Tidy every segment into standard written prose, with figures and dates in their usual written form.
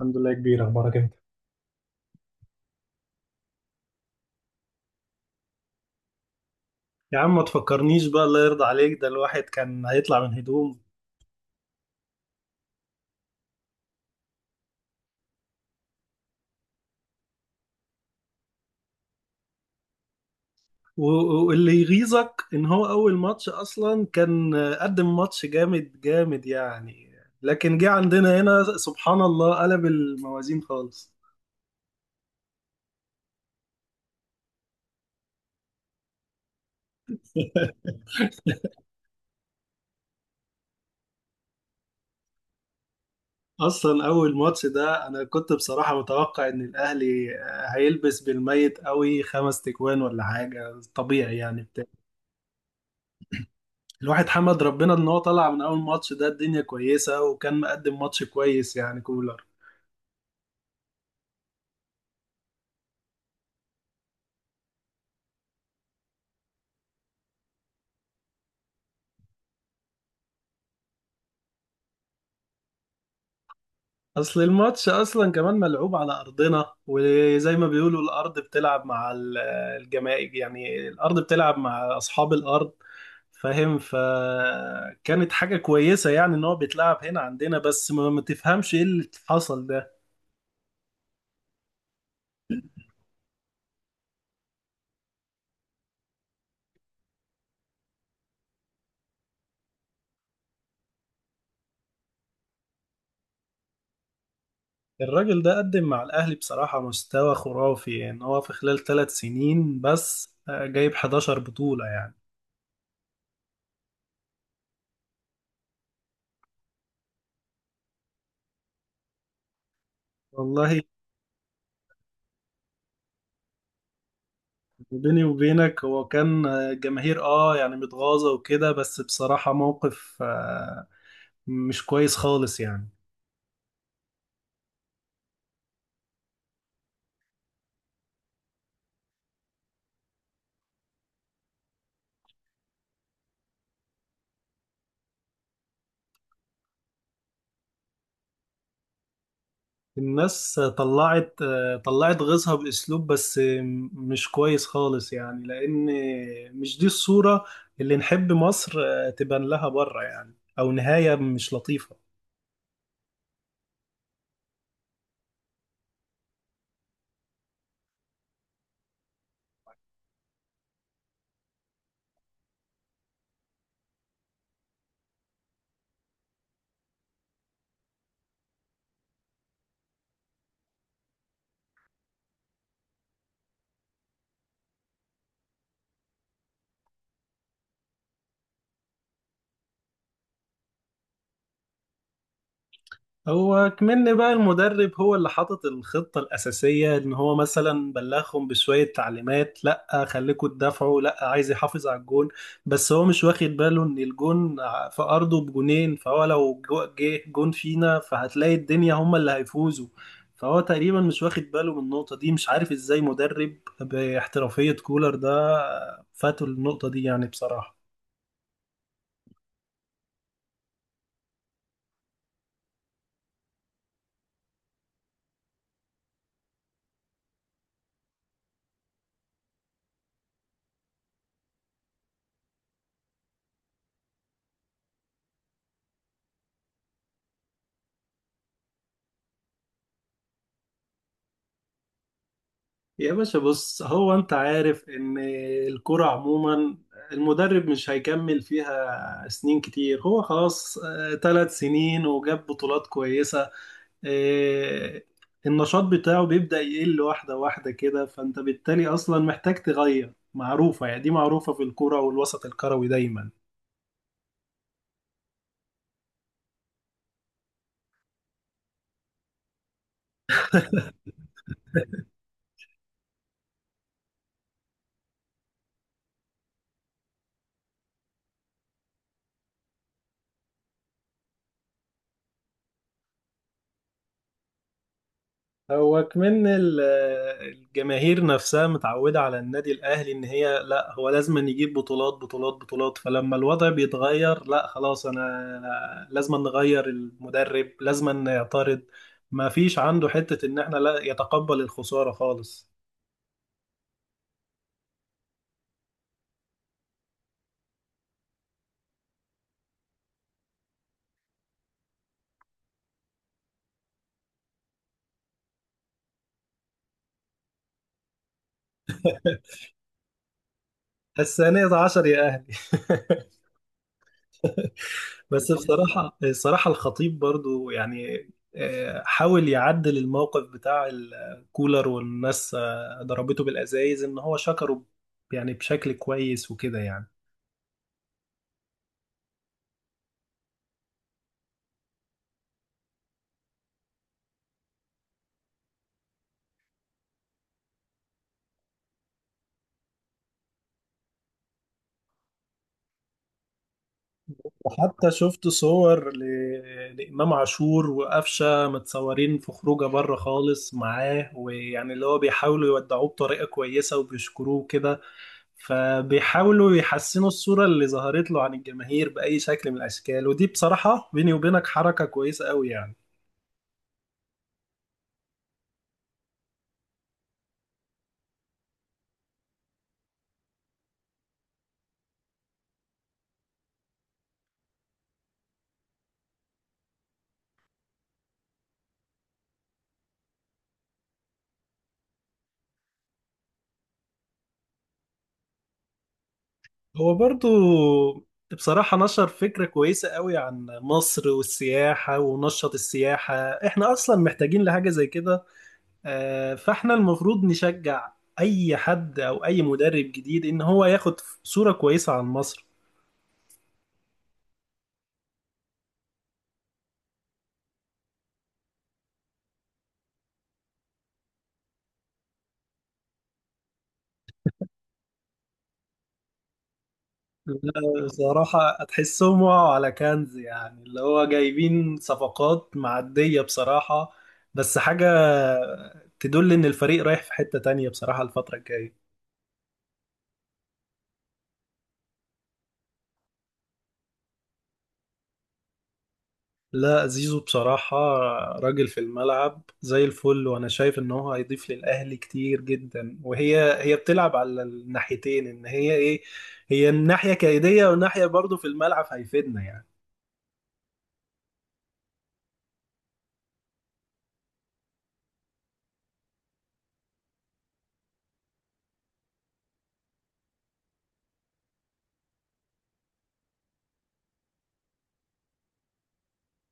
الحمد لله كبير، اخبارك انت؟ يا عم ما تفكرنيش بقى، الله يرضى عليك، ده الواحد كان هيطلع من هدوم. و- واللي يغيظك ان هو اول ماتش اصلا كان قدم ماتش جامد جامد يعني، لكن جه عندنا هنا سبحان الله قلب الموازين خالص. اصلا اول ماتش ده انا كنت بصراحة متوقع ان الاهلي هيلبس بالميت قوي، خمس تكوان ولا حاجة، طبيعي يعني. الواحد حمد ربنا ان هو طلع من اول ماتش ده الدنيا كويسة، وكان مقدم ماتش كويس يعني كولر. اصل الماتش اصلا كمان ملعوب على ارضنا، وزي ما بيقولوا الارض بتلعب مع الجماهير، يعني الارض بتلعب مع اصحاب الارض، فاهم؟ فكانت حاجة كويسة يعني ان هو بيتلعب هنا عندنا، بس ما تفهمش ايه اللي حصل ده. الراجل ده قدم مع الاهلي بصراحة مستوى خرافي، يعني هو في خلال 3 سنين بس جايب 11 بطولة يعني. والله بيني وبينك هو كان جماهير يعني متغاظة وكده، بس بصراحة موقف مش كويس خالص يعني. الناس طلعت، طلعت غيظها بأسلوب بس مش كويس خالص يعني، لأن مش دي الصورة اللي نحب مصر تبان لها بره، يعني أو نهاية مش لطيفة. هو كمان بقى المدرب هو اللي حاطط الخطة الأساسية، إن هو مثلا بلغهم بشوية تعليمات، لأ خليكوا تدافعوا، لأ عايز يحافظ على الجون. بس هو مش واخد باله إن الجون في أرضه بجونين، فهو لو جه جون فينا، فهتلاقي الدنيا هما اللي هيفوزوا. فهو تقريبا مش واخد باله من النقطة دي، مش عارف إزاي مدرب باحترافية كولر ده فاتوا النقطة دي يعني بصراحة. يا باشا بص، هو انت عارف ان الكرة عموما المدرب مش هيكمل فيها سنين كتير، هو خلاص 3 سنين وجاب بطولات كويسة. آه، النشاط بتاعه بيبدأ يقل واحدة واحدة كده، فانت بالتالي اصلا محتاج تغير، معروفة يعني، دي معروفة في الكرة والوسط الكروي دايما. هو كمان الجماهير نفسها متعودة على النادي الأهلي إن هي، لا هو لازم أن يجيب بطولات بطولات بطولات، فلما الوضع بيتغير، لا خلاص أنا لازم أن نغير المدرب، لازم أن يعترض. ما فيش عنده حتة إن إحنا لا يتقبل الخسارة خالص. الثانية عشر يا أهلي! بس بصراحة الصراحة الخطيب برضو يعني حاول يعدل الموقف بتاع الكولر، والناس ضربته بالأزايز، إن هو شكره يعني بشكل كويس وكده يعني. وحتى شفت صور لإمام عاشور وقفشة متصورين في خروجه بره خالص معاه، ويعني اللي هو بيحاولوا يودعوه بطريقة كويسة وبيشكروه كده، فبيحاولوا يحسنوا الصورة اللي ظهرت له عن الجماهير بأي شكل من الأشكال، ودي بصراحة بيني وبينك حركة كويسة قوي يعني. هو برضو بصراحة نشر فكرة كويسة قوي عن مصر والسياحة، ونشط السياحة، احنا أصلا محتاجين لحاجة زي كده. فاحنا المفروض نشجع أي حد أو أي مدرب جديد إن هو ياخد صورة كويسة عن مصر. لا، بصراحة هتحسهم وقعوا على كنز، يعني اللي هو جايبين صفقات معدية بصراحة، بس حاجة تدل إن الفريق رايح في حتة تانية بصراحة الفترة الجاية. لا زيزو بصراحة راجل في الملعب زي الفل، وأنا شايف إن هو هيضيف للأهلي كتير جدا، وهي هي بتلعب على الناحيتين، إن هي إيه، هي الناحية كيدية، والناحية برضو في الملعب هيفيدنا يعني.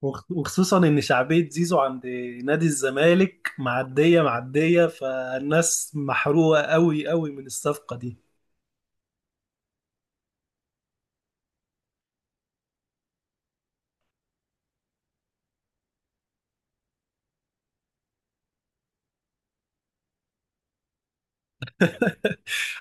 وخ- وخصوصا ان شعبية زيزو عند نادي الزمالك معدية معدية، فالناس محروقة قوي قوي من الصفقة دي.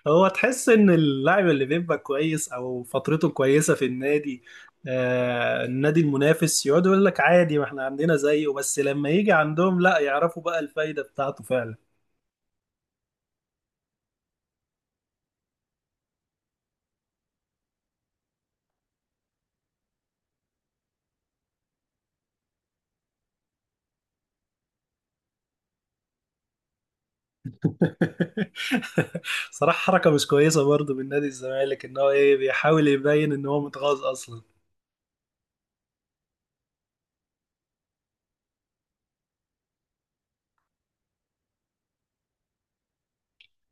هو تحس ان اللاعب اللي بيبقى كويس او فترته كويسة في النادي، النادي المنافس يقعد يقول لك عادي ما احنا عندنا زيه، بس لما يجي عندهم، لا يعرفوا بقى الفايدة بتاعته فعلا. صراحة حركة مش كويسة برضو من نادي الزمالك، ان هو ايه بيحاول يبين ان هو متغاظ اصلا.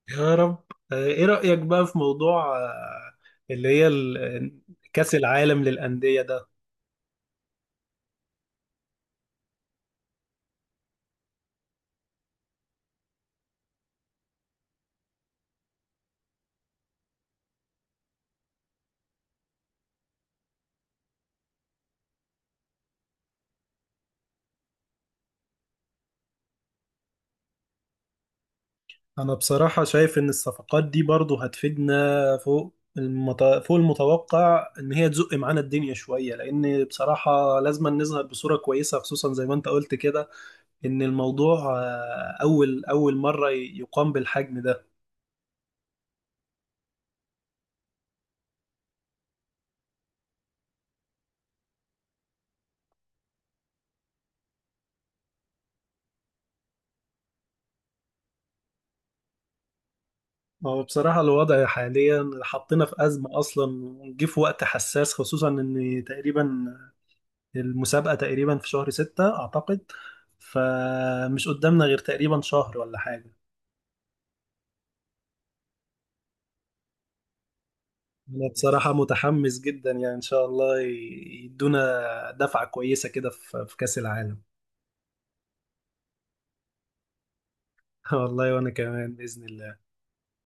يا رب. ايه رأيك بقى في موضوع اللي هي ال- آه، كأس العالم للأندية ده؟ انا بصراحة شايف ان الصفقات دي برضو هتفيدنا فوق فوق المتوقع، ان هي تزق معانا الدنيا شوية، لان بصراحة لازم نظهر بصورة كويسة، خصوصا زي ما انت قلت كده، ان الموضوع اول مرة يقام بالحجم ده. هو بصراحة الوضع حاليا حطينا في أزمة أصلا، وجه في وقت حساس، خصوصا إن تقريبا المسابقة تقريبا في شهر 6 أعتقد، فمش قدامنا غير تقريبا شهر ولا حاجة. أنا بصراحة متحمس جدا يعني، إن شاء الله يدونا دفعة كويسة كده في كأس العالم. والله وأنا كمان بإذن الله.